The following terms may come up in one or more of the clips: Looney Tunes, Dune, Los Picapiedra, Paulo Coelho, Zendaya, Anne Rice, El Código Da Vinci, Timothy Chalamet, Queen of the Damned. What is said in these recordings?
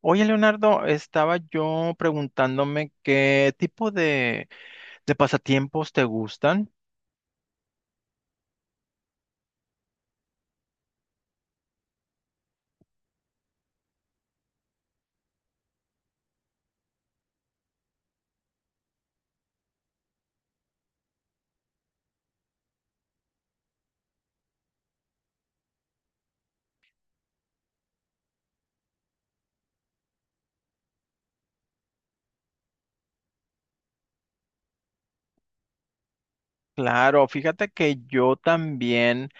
Oye, Leonardo, estaba yo preguntándome qué tipo de pasatiempos te gustan. Claro, fíjate que yo también.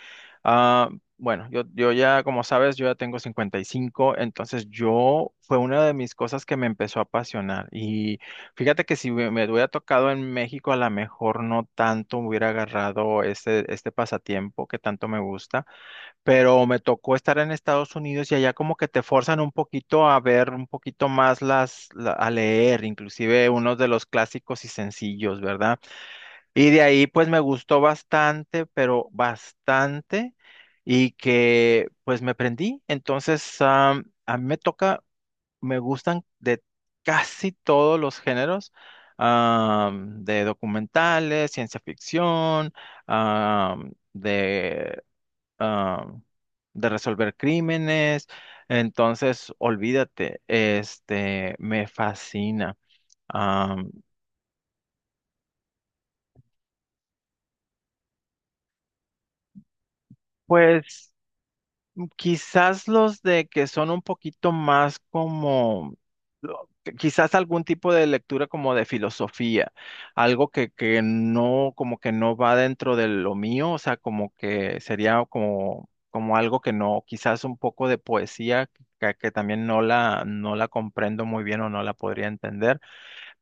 Ah, bueno, yo ya, como sabes, yo ya tengo 55, entonces yo fue una de mis cosas que me empezó a apasionar. Y fíjate que si me hubiera tocado en México, a lo mejor no tanto hubiera agarrado este pasatiempo que tanto me gusta, pero me tocó estar en Estados Unidos y allá como que te forzan un poquito a ver un poquito más a leer, inclusive unos de los clásicos y sencillos, ¿verdad? Y de ahí pues me gustó bastante, pero bastante, y que pues me prendí. Entonces, a mí me toca, me gustan de casi todos los géneros, de documentales, ciencia ficción, am, de, am, de resolver crímenes. Entonces, olvídate, este, me fascina. Am, pues quizás los de que son un poquito más como, lo- quizás algún tipo de lectura como de filosofía, algo que no, como que no va dentro de lo mío, o sea, como que sería como, como algo que no, quizás un poco de poesía que también no la comprendo muy bien o no la podría entender.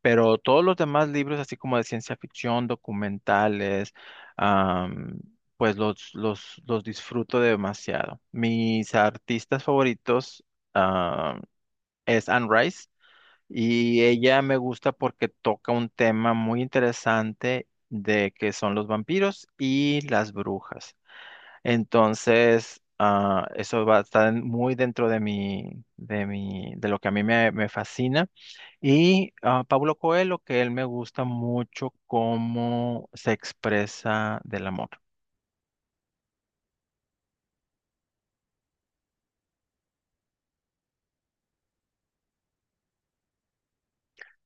Pero todos los demás libros, así como de ciencia ficción, documentales, am, pues los disfruto demasiado. Mis artistas favoritos, ah, es Anne Rice y ella me gusta porque toca un tema muy interesante de que son los vampiros y las brujas. Entonces, eso va a estar muy dentro de de lo que a mí me fascina. Y Paulo Coelho, que él me gusta mucho cómo se expresa del amor.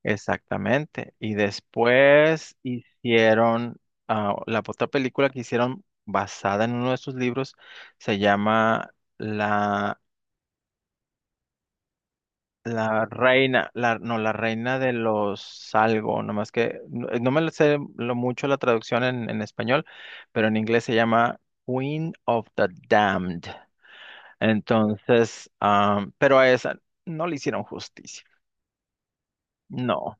Exactamente. Y después hicieron, la otra película que hicieron basada en uno de sus libros se llama La, la Reina, la, no, La Reina de los algo, nomás que no, no me lo sé lo mucho la traducción en español, pero en inglés se llama Queen of the Damned. Entonces, pero a esa no le hicieron justicia. No.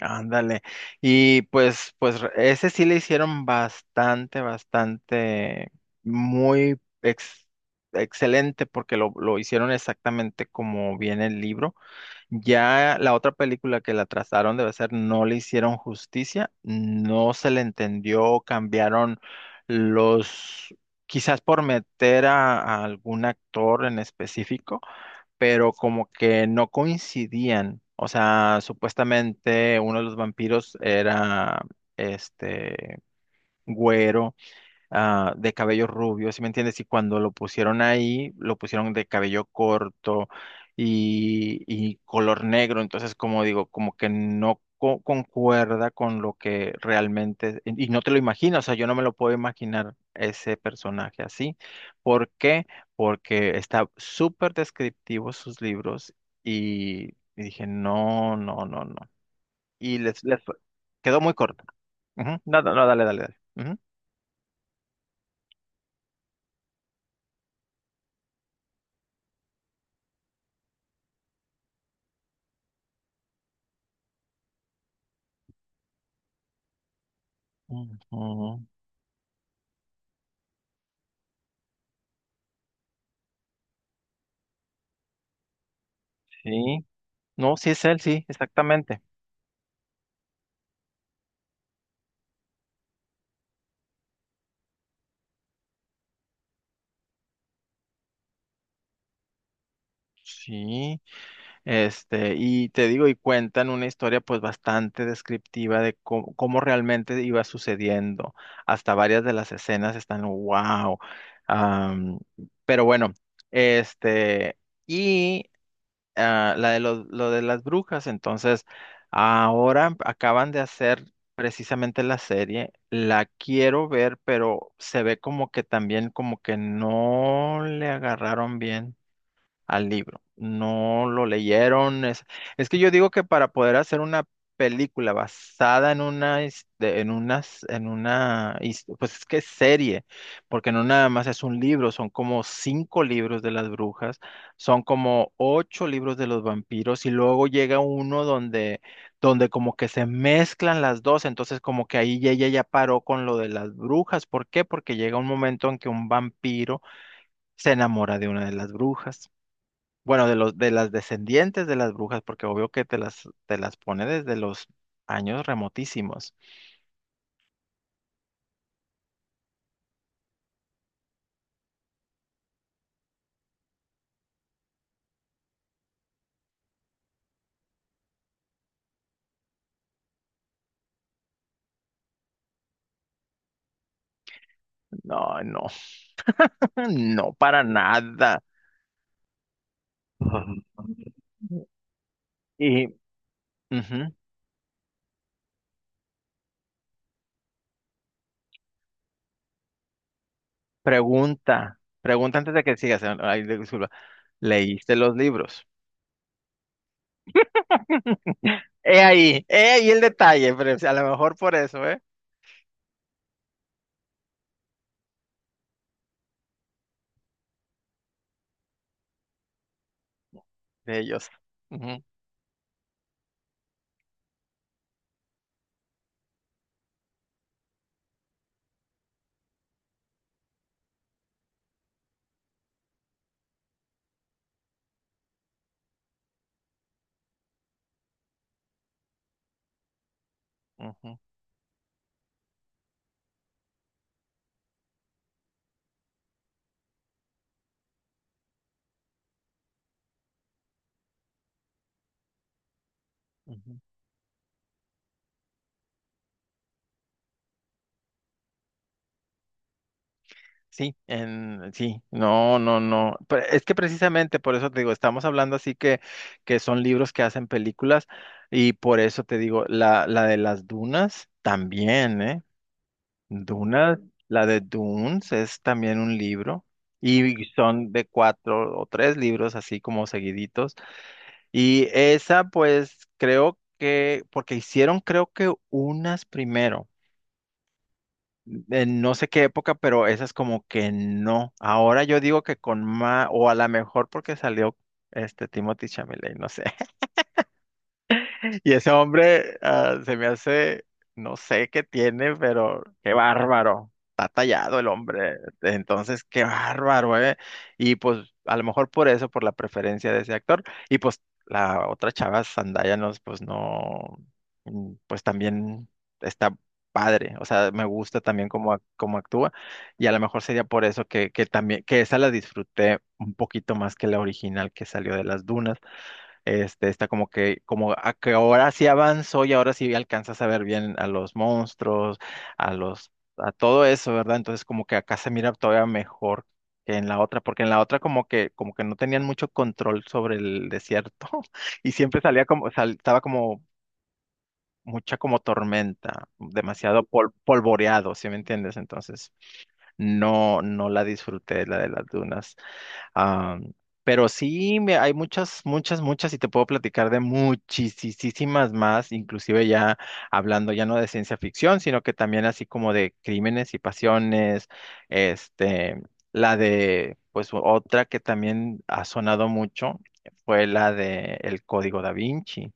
Ándale. Y pues ese sí le hicieron bastante, bastante, muy excelente porque lo hicieron exactamente como viene el libro. Ya la otra película que la trazaron debe ser No le hicieron justicia, no se le entendió, cambiaron los, quizás por meter a algún actor en específico, pero como que no coincidían. O sea, supuestamente uno de los vampiros era este güero de cabello rubio, ¿sí me entiendes? Y cuando lo pusieron ahí, lo pusieron de cabello corto y color negro, entonces como digo, como que no concuerda con lo que realmente, y no te lo imaginas, o sea, yo no me lo puedo imaginar ese personaje así. ¿Por qué? Porque está súper descriptivo sus libros y, y dije, no, no, no, no. Y les quedó muy corto. Ujú. No, no, no, dale, dale, dale. Ujú. Ujú. Sí, no, sí es él, sí, exactamente. Sí, este, y te digo, y cuentan una historia pues bastante descriptiva de cómo realmente iba sucediendo. Hasta varias de las escenas están, wow. Am, pero bueno, este, y la de lo de las brujas. Entonces, ahora acaban de hacer precisamente la serie. La quiero ver, pero se ve como que también como que no le agarraron bien al libro. No lo leyeron. Es que yo digo que para poder hacer una película basada en una, en unas, pues es que es serie, porque no nada más es un libro, son como cinco libros de las brujas, son como ocho libros de los vampiros y luego llega uno donde, donde como que se mezclan las dos, entonces como que ahí ella ya paró con lo de las brujas. ¿Por qué? Porque llega un momento en que un vampiro se enamora de una de las brujas. Bueno, de las descendientes de las brujas, porque obvio que te las pone desde los años remotísimos. No, no, no para nada. Ujú. Y ujú, pregunta, pregunta antes de que sigas, ay, disculpa, ¿leíste los libros? He ahí el detalle, pero a lo mejor por eso, ¿eh? De ellos. Ujú, ujú, ujú. Sí, sí, no, no, no. Pero es que precisamente por eso te digo, estamos hablando así que son libros que hacen películas y por eso te digo, la de las dunas también, ¿eh? Dunas, la de Dunes es también un libro y son de cuatro o tres libros así como seguiditos. Y esa pues creo que, porque hicieron creo que unas primero en no sé qué época, pero esas como que no. Ahora yo digo que con más, o a lo mejor porque salió este Timothy Chalamet, no sé. Y ese hombre se me hace, no sé qué tiene, pero qué bárbaro. Está tallado el hombre. Entonces, qué bárbaro, ¿eh? Y pues a lo mejor por eso, por la preferencia de ese actor. Y pues la otra chava, Zendaya, no, pues no, pues también está padre. O sea, me gusta también cómo, cómo actúa. Y a lo mejor sería por eso que también, que esa la disfruté un poquito más que la original que salió de las dunas. Este, está como que, como a que ahora sí avanzó y ahora sí alcanzas a ver bien a los monstruos, a los, a todo eso, ¿verdad? Entonces como que acá se mira todavía mejor que en la otra, porque en la otra como que no tenían mucho control sobre el desierto y siempre salía como, estaba como mucha como tormenta, demasiado polvoreado, ¿sí me entiendes? Entonces no, no la disfruté, la de las dunas. Ah, pero sí, hay muchas, muchas, muchas y te puedo platicar de muchísimas más, inclusive ya hablando ya no de ciencia ficción, sino que también así como de crímenes y pasiones, este, la de, pues otra que también ha sonado mucho fue la de El Código Da Vinci.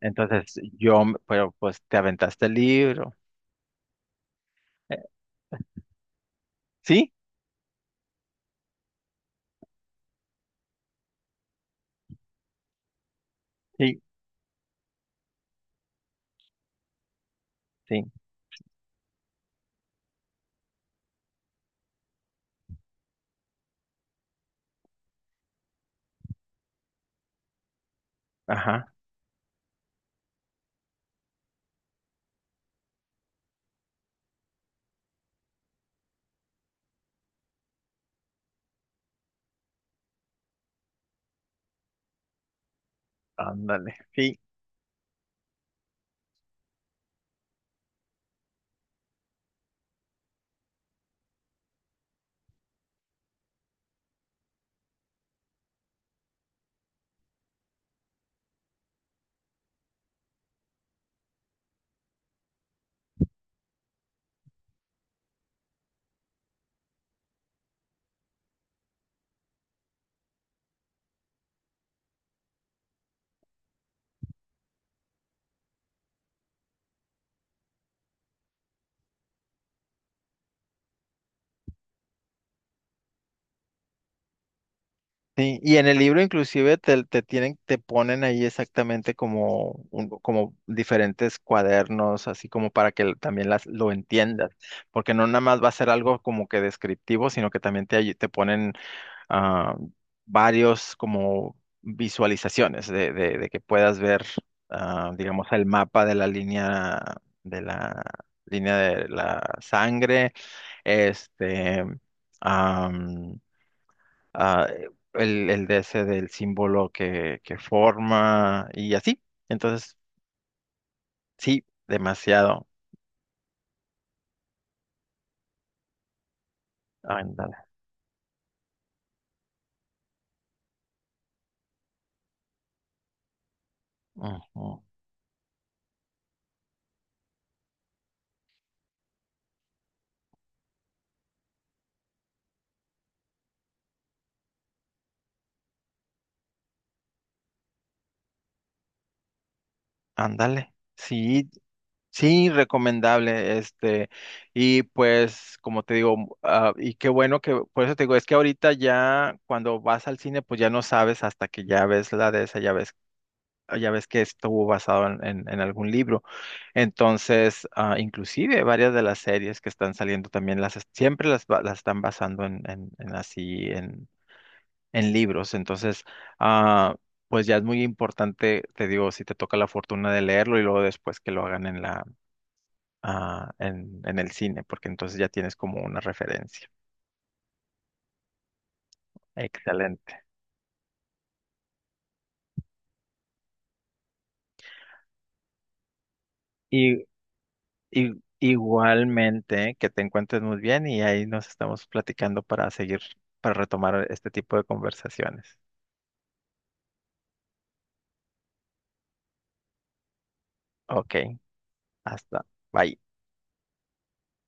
Entonces yo, pero pues te aventaste el libro. Eh, ¿Sí? Sí, sí, ajá, ándale. Sí, sí, y en el libro inclusive te tienen, te ponen ahí exactamente como diferentes cuadernos, así como para que también las, lo entiendas, porque no nada más va a ser algo como que descriptivo, sino que también te ponen ah, varios como visualizaciones de que puedas ver, digamos, el mapa de la línea de la sangre, este... am, ah, el DS del símbolo que forma y así. Entonces, sí, demasiado. Ándale. ujú, Ándale. Sí, sí, recomendable. Este, y pues, como te digo, y qué bueno que, por eso te digo, es que ahorita ya cuando vas al cine, pues ya no sabes hasta que ya ves la de esa, ya ves ya ves que estuvo basado en, en algún libro. Entonces, inclusive varias de las series que están saliendo también las siempre las, las están basando en libros. Entonces, ah, pues ya es muy importante, te digo, si te toca la fortuna de leerlo y luego después que lo hagan en la en el cine, porque entonces ya tienes como una referencia. Excelente. I- igualmente, que te encuentres muy bien y ahí nos estamos platicando para seguir, para retomar este tipo de conversaciones. Ok, hasta, bye.